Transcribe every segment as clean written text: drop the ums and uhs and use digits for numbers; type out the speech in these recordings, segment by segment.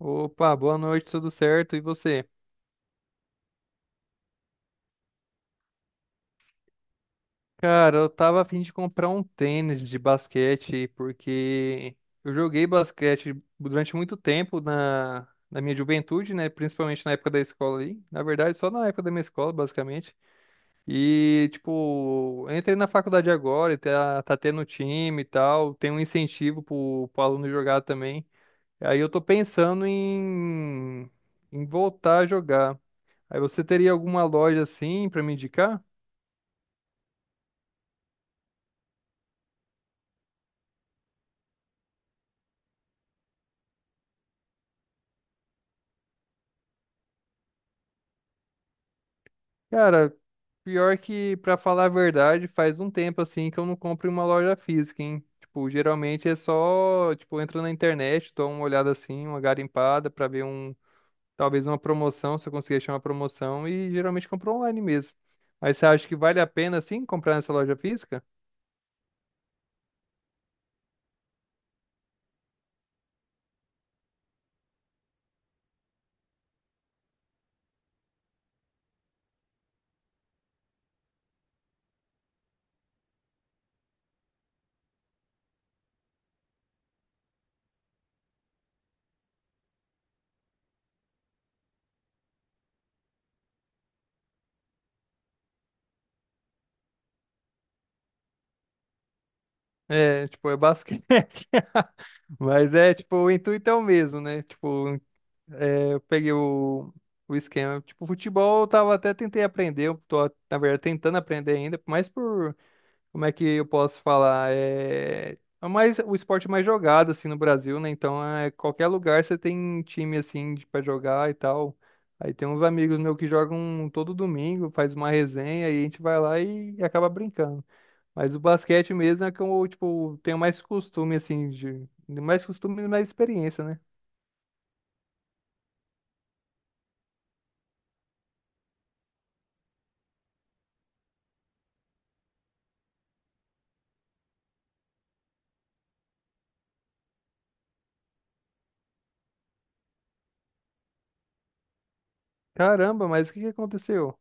Opa, boa noite, tudo certo? E você? Cara, eu tava a fim de comprar um tênis de basquete porque eu joguei basquete durante muito tempo na minha juventude, né? Principalmente na época da escola aí. Na verdade, só na época da minha escola, basicamente. E, tipo, eu entrei na faculdade agora, e tá tendo time e tal, tem um incentivo pro aluno jogar também. Aí eu tô pensando em, Em voltar a jogar. Aí você teria alguma loja assim pra me indicar? Cara, pior que, pra falar a verdade, faz um tempo assim que eu não compro em uma loja física, hein? Tipo, geralmente é só, tipo, eu entro na internet, dou uma olhada assim, uma garimpada pra ver um, talvez uma promoção, se eu conseguir achar uma promoção, e geralmente compro online mesmo. Mas você acha que vale a pena, assim, comprar nessa loja física? É, tipo, é basquete. Mas é, tipo, o intuito é o mesmo, né? Tipo, eu peguei o esquema. Tipo, futebol eu tava até tentei aprender, eu tô, na verdade, tentando aprender ainda, mas por, como é que eu posso falar? É, é mais, o esporte mais jogado, assim, no Brasil, né? Então, é, qualquer lugar você tem time, assim, de, pra jogar e tal. Aí tem uns amigos meus que jogam todo domingo, faz uma resenha, e a gente vai lá e acaba brincando. Mas o basquete mesmo é que eu, tipo, tenho mais costume, assim, de, mais costume e mais experiência, né? Caramba, mas o que que aconteceu?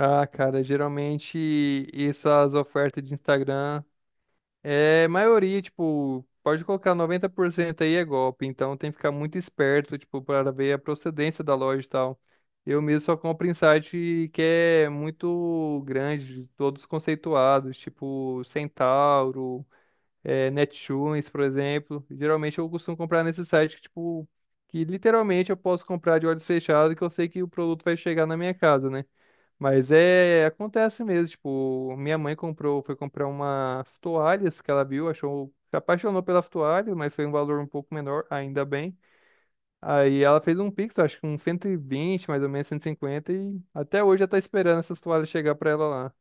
Ah, cara, geralmente essas ofertas de Instagram é maioria, tipo, pode colocar 90% aí é golpe, então tem que ficar muito esperto, tipo, para ver a procedência da loja e tal. Eu mesmo só compro em site que é muito grande, todos conceituados, tipo Centauro, é, Netshoes, por exemplo. Geralmente eu costumo comprar nesse site que, tipo, que literalmente eu posso comprar de olhos fechados, que eu sei que o produto vai chegar na minha casa, né? Mas é, acontece mesmo, tipo, minha mãe comprou, foi comprar uma toalhas que ela viu, achou, se apaixonou pela toalha, mas foi um valor um pouco menor, ainda bem. Aí ela fez um pix, acho que uns 120 mais ou menos 150 e até hoje ela tá esperando essas toalhas chegar pra ela lá.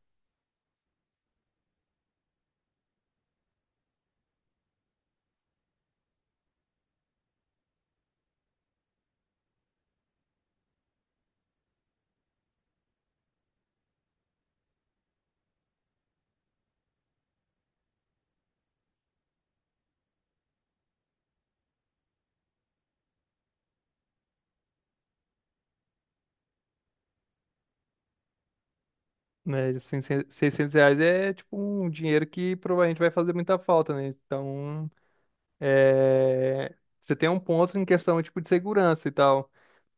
Né, assim, se- R$ 600 é, tipo, um dinheiro que provavelmente vai fazer muita falta, né? Então, é... você tem um ponto em questão, tipo, de segurança e tal.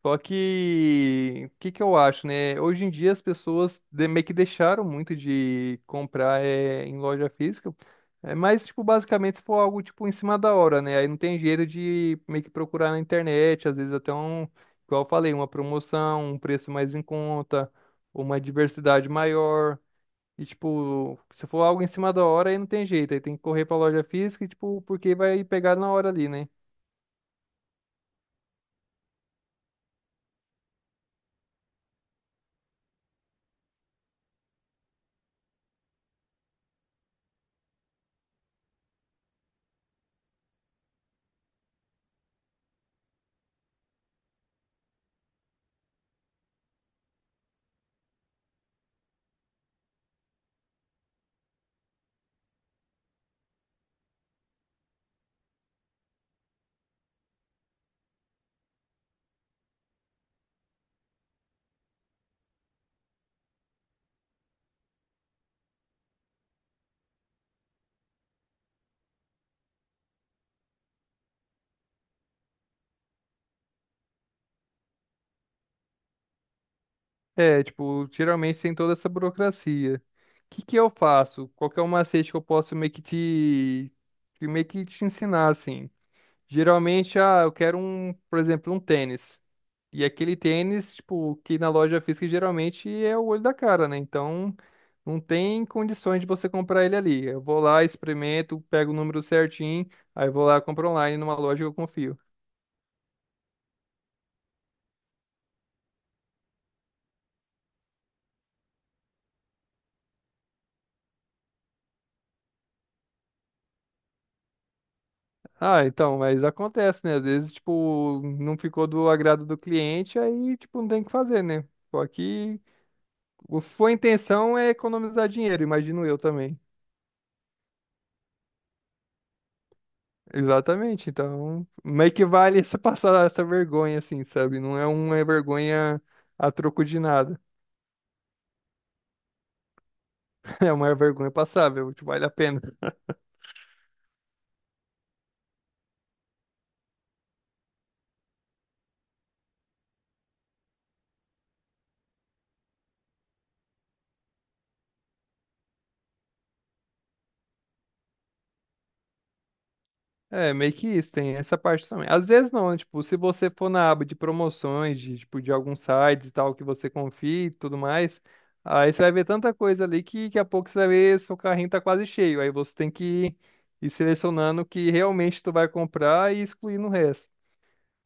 Só que, o que que eu acho, né? Hoje em dia as pessoas de- meio que deixaram muito de comprar eh, em loja física, é, mas, tipo, basicamente se for algo, tipo, em cima da hora, né? Aí não tem jeito de meio que procurar na internet, às vezes até um, igual eu falei, uma promoção, um preço mais em conta, uma diversidade maior, e, tipo, se for algo em cima da hora, aí não tem jeito, aí tem que correr pra loja física, e, tipo, porque vai pegar na hora ali, né? É, tipo, geralmente tem toda essa burocracia. O que que eu faço? Qual que é o macete que eu posso meio que te, que meio que te ensinar, assim? Geralmente, ah, eu quero um, por exemplo, um tênis. E aquele tênis, tipo, que na loja física geralmente é o olho da cara, né? Então, não tem condições de você comprar ele ali. Eu vou lá, experimento, pego o número certinho, aí vou lá, compro online numa loja que eu confio. Ah, então, mas acontece, né? Às vezes, tipo, não ficou do agrado do cliente, aí, tipo, não tem o que fazer, né? Só que o- sua intenção é economizar dinheiro, imagino eu também. Exatamente, então, meio que vale essa passar essa vergonha, assim, sabe? Não é uma vergonha a troco de nada. É uma vergonha passável, tipo, vale a pena. É, meio que isso, tem essa parte também. Às vezes não, né? Tipo, se você for na aba de promoções, de, tipo, de alguns sites e tal, que você confie e tudo mais, aí você vai ver tanta coisa ali que daqui a pouco você vai ver seu carrinho tá quase cheio. Aí você tem que ir selecionando o que realmente tu vai comprar e excluindo o resto.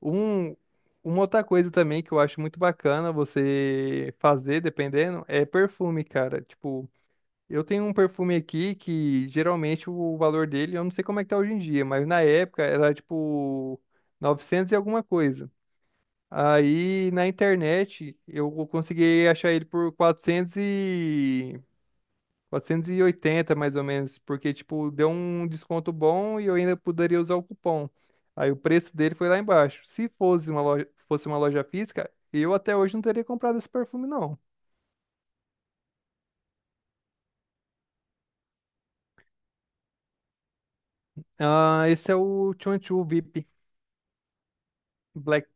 Um, uma outra coisa também que eu acho muito bacana você fazer, dependendo, é perfume, cara. Tipo, eu tenho um perfume aqui que geralmente o valor dele, eu não sei como é que tá hoje em dia, mas na época era tipo 900 e alguma coisa. Aí na internet eu consegui achar ele por 480 mais ou menos, porque tipo deu um desconto bom e eu ainda poderia usar o cupom. Aí o preço dele foi lá embaixo. Se fosse uma loja, fosse uma loja física, eu até hoje não teria comprado esse perfume não. Ah, esse é o Chonchu VIP Black.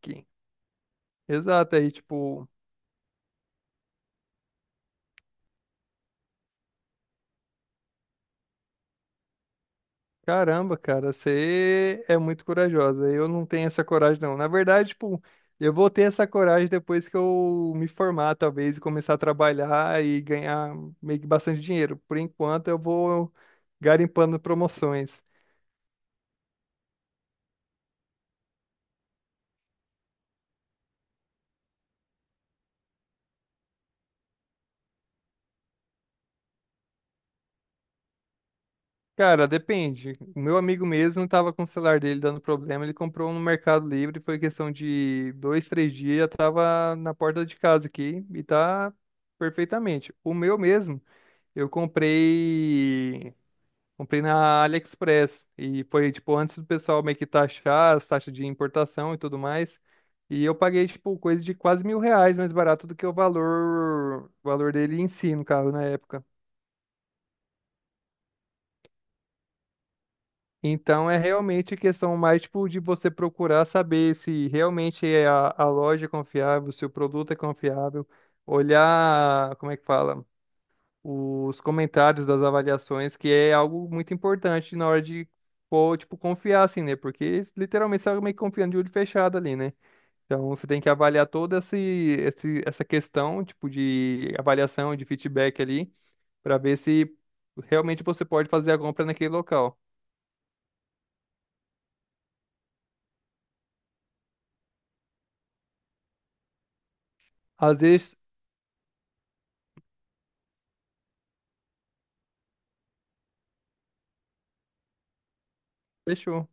Exato, aí tipo, caramba, cara, você é muito corajosa. Eu não tenho essa coragem, não. Na verdade, tipo, eu vou ter essa coragem depois que eu me formar, talvez, e começar a trabalhar e ganhar meio que bastante dinheiro. Por enquanto, eu vou garimpando promoções. Cara, depende. O meu amigo mesmo estava com o celular dele dando problema, ele comprou um no Mercado Livre, foi questão de dois, três dias, já tava na porta de casa aqui e tá perfeitamente. O meu mesmo. Eu comprei. Comprei na AliExpress. E foi, tipo, antes do pessoal meio que taxar as taxas de importação e tudo mais. E eu paguei, tipo, coisa de quase R$ 1.000 mais barato do que o valor dele em si, no caso, na época. Então é realmente questão mais, tipo, de você procurar saber se realmente é a loja é confiável, se o produto é confiável, olhar, como é que fala? Os comentários das avaliações, que é algo muito importante na hora de, pô, tipo, confiar, assim, né? Porque eles literalmente você tá meio que confiando de olho fechado ali, né? Então você tem que avaliar toda esse, esse, essa questão, tipo, de avaliação, de feedback ali, para ver se realmente você pode fazer a compra naquele local. Às vezes, fechou.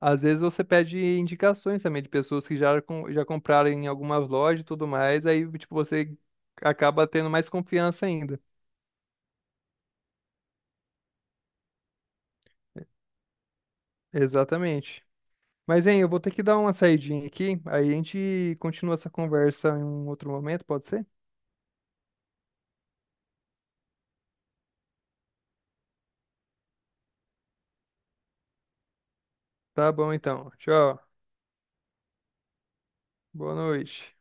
Às vezes você pede indicações também de pessoas que já, com- já compraram em algumas lojas e tudo mais, aí, tipo, você acaba tendo mais confiança ainda. Exatamente. Mas, hein, eu vou ter que dar uma saidinha aqui, aí a gente continua essa conversa em um outro momento, pode ser? Tá bom, então. Tchau. Boa noite.